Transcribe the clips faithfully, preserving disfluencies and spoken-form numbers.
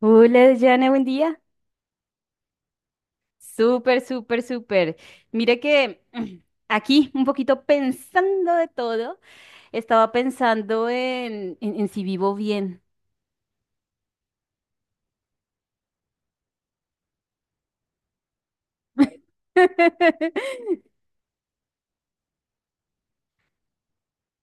Hola, Jana, buen día. Súper, súper, súper. Mira que mm, aquí, un poquito pensando de todo, estaba pensando en, en, en si vivo bien.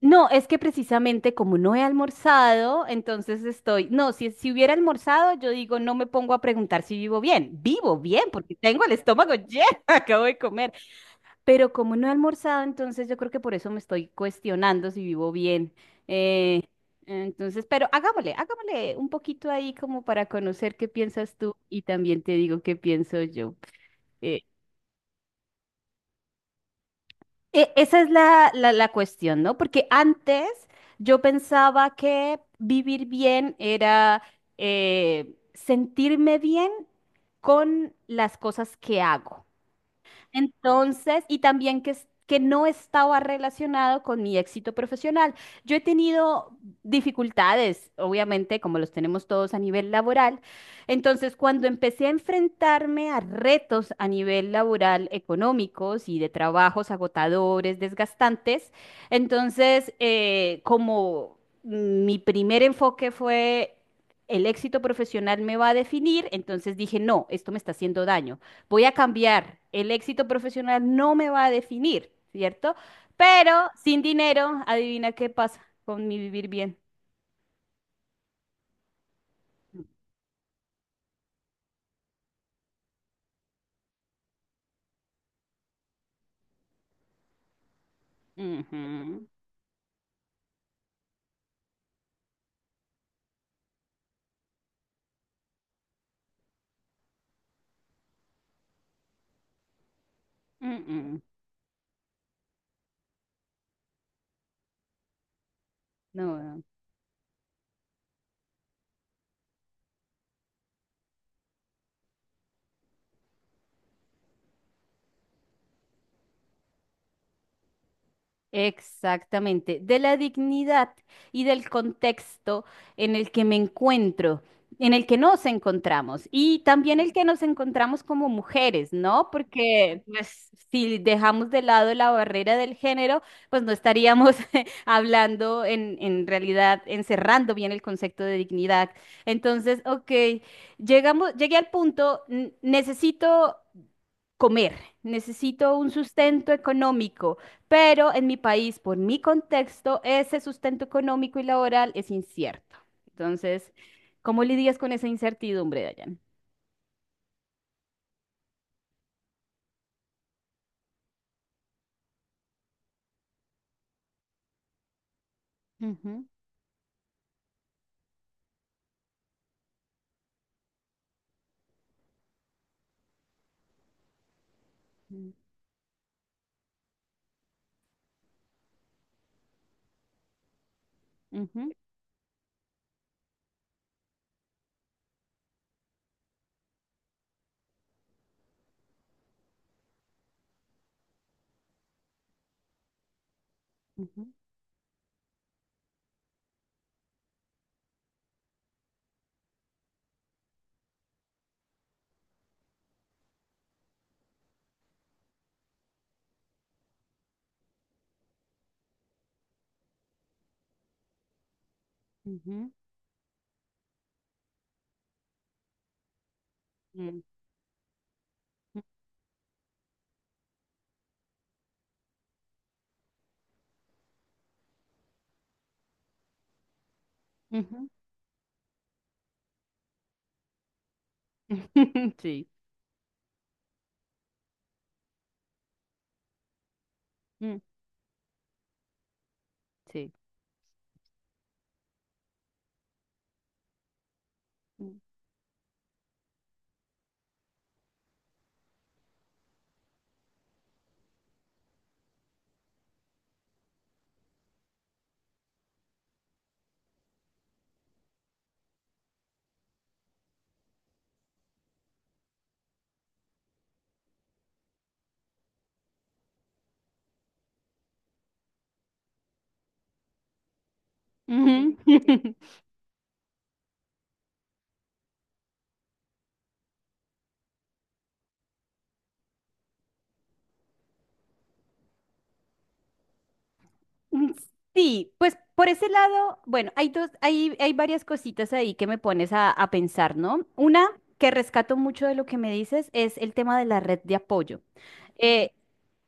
No, es que precisamente como no he almorzado, entonces estoy, no, si, si hubiera almorzado, yo digo, no me pongo a preguntar si vivo bien. Vivo bien porque tengo el estómago lleno, acabo de comer. Pero como no he almorzado, entonces yo creo que por eso me estoy cuestionando si vivo bien. Eh, entonces, pero hagámosle, hagámosle un poquito ahí como para conocer qué piensas tú y también te digo qué pienso yo. Eh, e- esa es la, la, la cuestión, ¿no? Porque antes yo pensaba que vivir bien era eh, sentirme bien con las cosas que hago. Entonces, y también que, es- que no estaba relacionado con mi éxito profesional. Yo he tenido dificultades, obviamente, como los tenemos todos a nivel laboral. Entonces, cuando empecé a enfrentarme a retos a nivel laboral, económicos y de trabajos agotadores, desgastantes, entonces, eh, como mi primer enfoque fue... El éxito profesional me va a definir, entonces dije, no, esto me está haciendo daño, voy a cambiar. El éxito profesional no me va a definir, ¿cierto? Pero sin dinero, adivina qué pasa con mi vivir bien. Ujú. Mm, mm. No. Exactamente, de la dignidad y del contexto en el que me encuentro, en el que nos encontramos y también el que nos encontramos como mujeres, ¿no? Porque pues, si dejamos de lado la barrera del género, pues no estaríamos hablando en, en realidad, encerrando bien el concepto de dignidad. Entonces, ok, llegamos, llegué al punto, n- necesito comer, necesito un sustento económico, pero en mi país, por mi contexto, ese sustento económico y laboral es incierto. Entonces, ¿cómo lidias con esa incertidumbre, Dayan? Ujú. Mm. Ujú. Ujú. Ujú. Mm. Ujú. Ujú. Sí. Mm. Sí. Mm. Ujú. Mm. Sí, pues por ese lado, bueno, hay dos, hay, hay varias cositas ahí que me pones a, a pensar, ¿no? Una que rescato mucho de lo que me dices es el tema de la red de apoyo. Eh,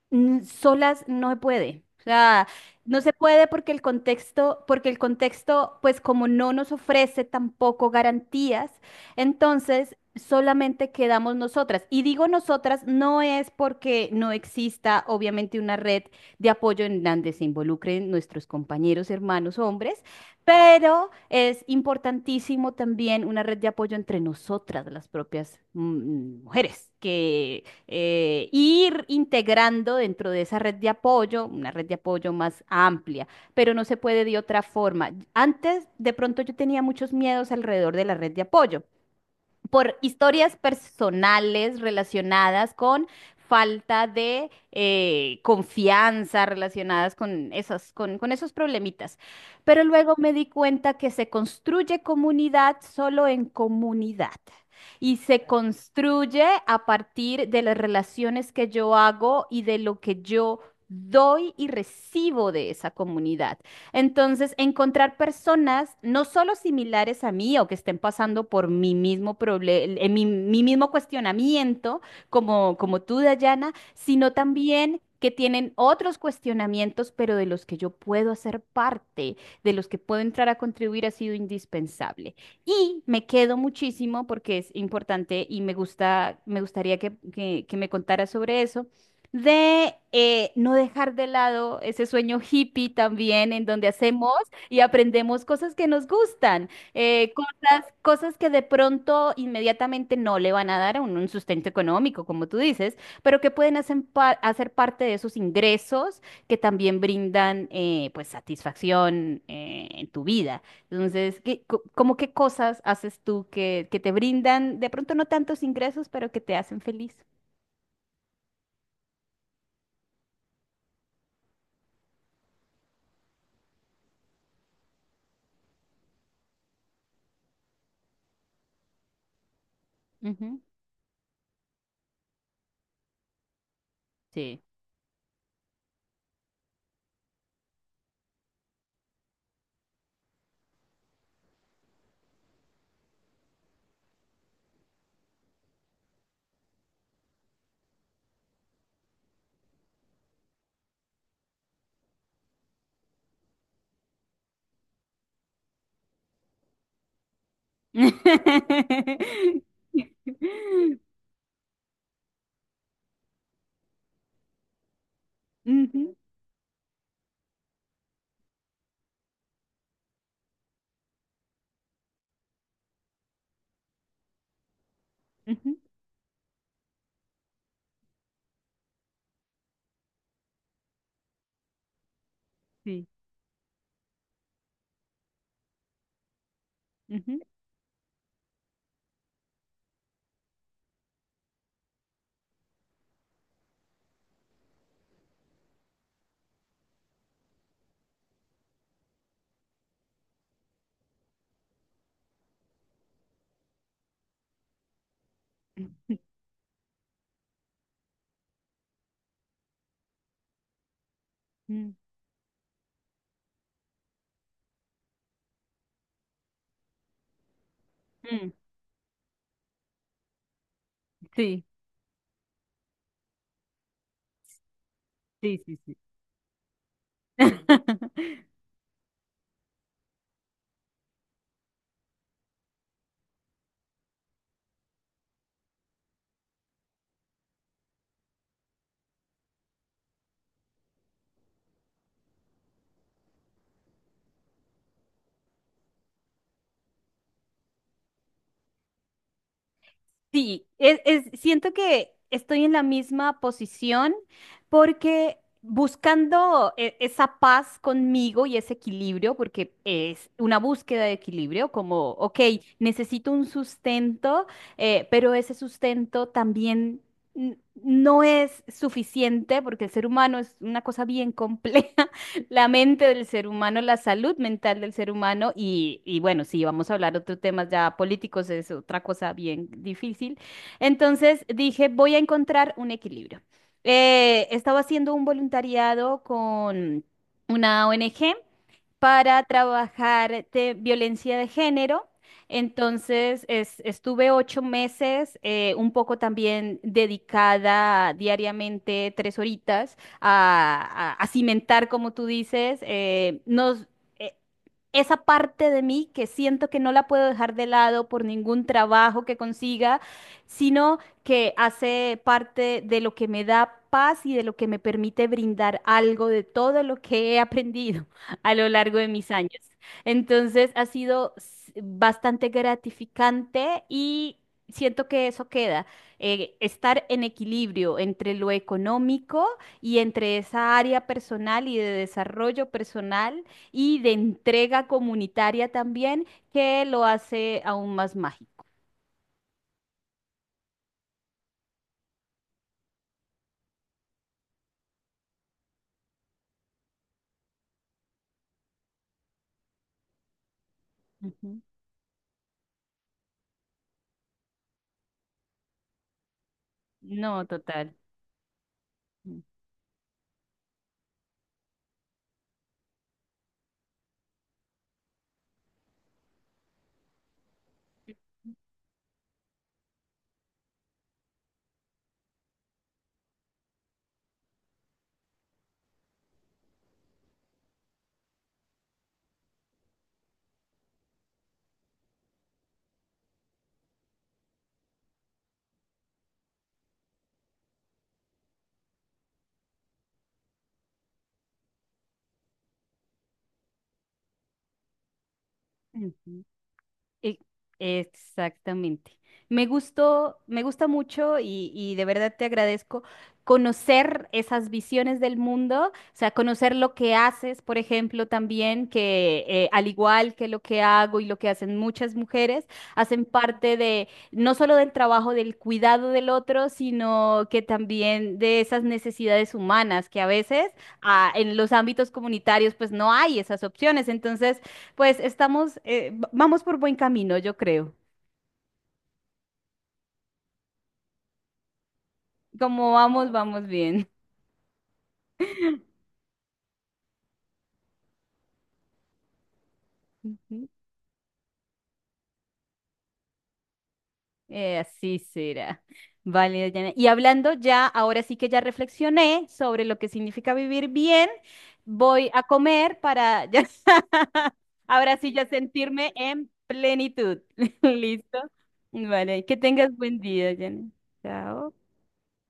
mm, solas no se puede. O sea, no se puede porque el contexto, porque el contexto, pues como no nos ofrece tampoco garantías, entonces solamente quedamos nosotras. Y digo nosotras, no es porque no exista obviamente una red de apoyo en donde se involucren nuestros compañeros, hermanos, hombres, pero es importantísimo también una red de apoyo entre nosotras, las propias mm, mujeres, que eh, ir integrando dentro de esa red de apoyo, una red de apoyo más amplia, pero no se puede de otra forma. Antes, de pronto yo tenía muchos miedos alrededor de la red de apoyo por historias personales relacionadas con falta de eh, confianza, relacionadas con esas, con, con esos problemitas. Pero luego me di cuenta que se construye comunidad solo en comunidad. Y se construye a partir de las relaciones que yo hago y de lo que yo doy y recibo de esa comunidad. Entonces, encontrar personas no solo similares a mí o que estén pasando por mi mismo problema, mi, mi mismo cuestionamiento, como, como tú, Dayana, sino también que tienen otros cuestionamientos, pero de los que yo puedo hacer parte, de los que puedo entrar a contribuir, ha sido indispensable. Y me quedo muchísimo porque es importante y me gusta, me gustaría que, que que me contaras sobre eso de eh, no dejar de lado ese sueño hippie también, en donde hacemos y aprendemos cosas que nos gustan, eh, co- cosas que de pronto inmediatamente no le van a dar a uno un sustento económico, como tú dices, pero que pueden hacer, pa- hacer parte de esos ingresos que también brindan eh, pues satisfacción eh, en tu vida. Entonces, ¿qué, co- cómo qué cosas haces tú que, que te brindan de pronto no tantos ingresos, pero que te hacen feliz? Ujú. Ujú. Ujú. Sí. Ujú. Ujú. Mm. Sí, sí, sí, sí. Sí, es, es- siento que estoy en la misma posición porque buscando e- esa paz conmigo y ese equilibrio, porque es una búsqueda de equilibrio, como, ok, necesito un sustento, eh, pero ese sustento también n- no es suficiente porque el ser humano es una cosa bien compleja. La mente del ser humano, la salud mental del ser humano y, y bueno, si vamos a hablar otros temas ya políticos, es otra cosa bien difícil. Entonces dije, voy a encontrar un equilibrio. Eh, estaba haciendo un voluntariado con una O N G para trabajar de violencia de género. Entonces, es- estuve ocho meses, eh, un poco también dedicada diariamente tres horitas a, a- a cimentar, como tú dices, eh, nos, eh, esa parte de mí que siento que no la puedo dejar de lado por ningún trabajo que consiga, sino que hace parte de lo que me da paz y de lo que me permite brindar algo de todo lo que he aprendido a lo largo de mis años. Entonces ha sido s- bastante gratificante y siento que eso queda, eh, estar en equilibrio entre lo económico y entre esa área personal y de desarrollo personal y de entrega comunitaria también, que lo hace aún más mágico. Ujú. No, total. Ujú. E- Exactamente. Me gustó, me gusta mucho y, y de verdad te agradezco conocer esas visiones del mundo, o sea, conocer lo que haces, por ejemplo, también, que eh, al igual que lo que hago y lo que hacen muchas mujeres, hacen parte de no solo del trabajo del cuidado del otro, sino que también de esas necesidades humanas que a veces ah, en los ámbitos comunitarios pues no hay esas opciones. Entonces, pues estamos, eh, v- vamos por buen camino, yo creo. Como vamos, vamos bien. Ujú. Eh, así será. Vale, Dayana. Y hablando ya, ahora sí que ya reflexioné sobre lo que significa vivir bien, voy a comer para ya, ahora sí ya sentirme en plenitud. ¿Listo? Vale, que tengas buen día, Dayana. Chao.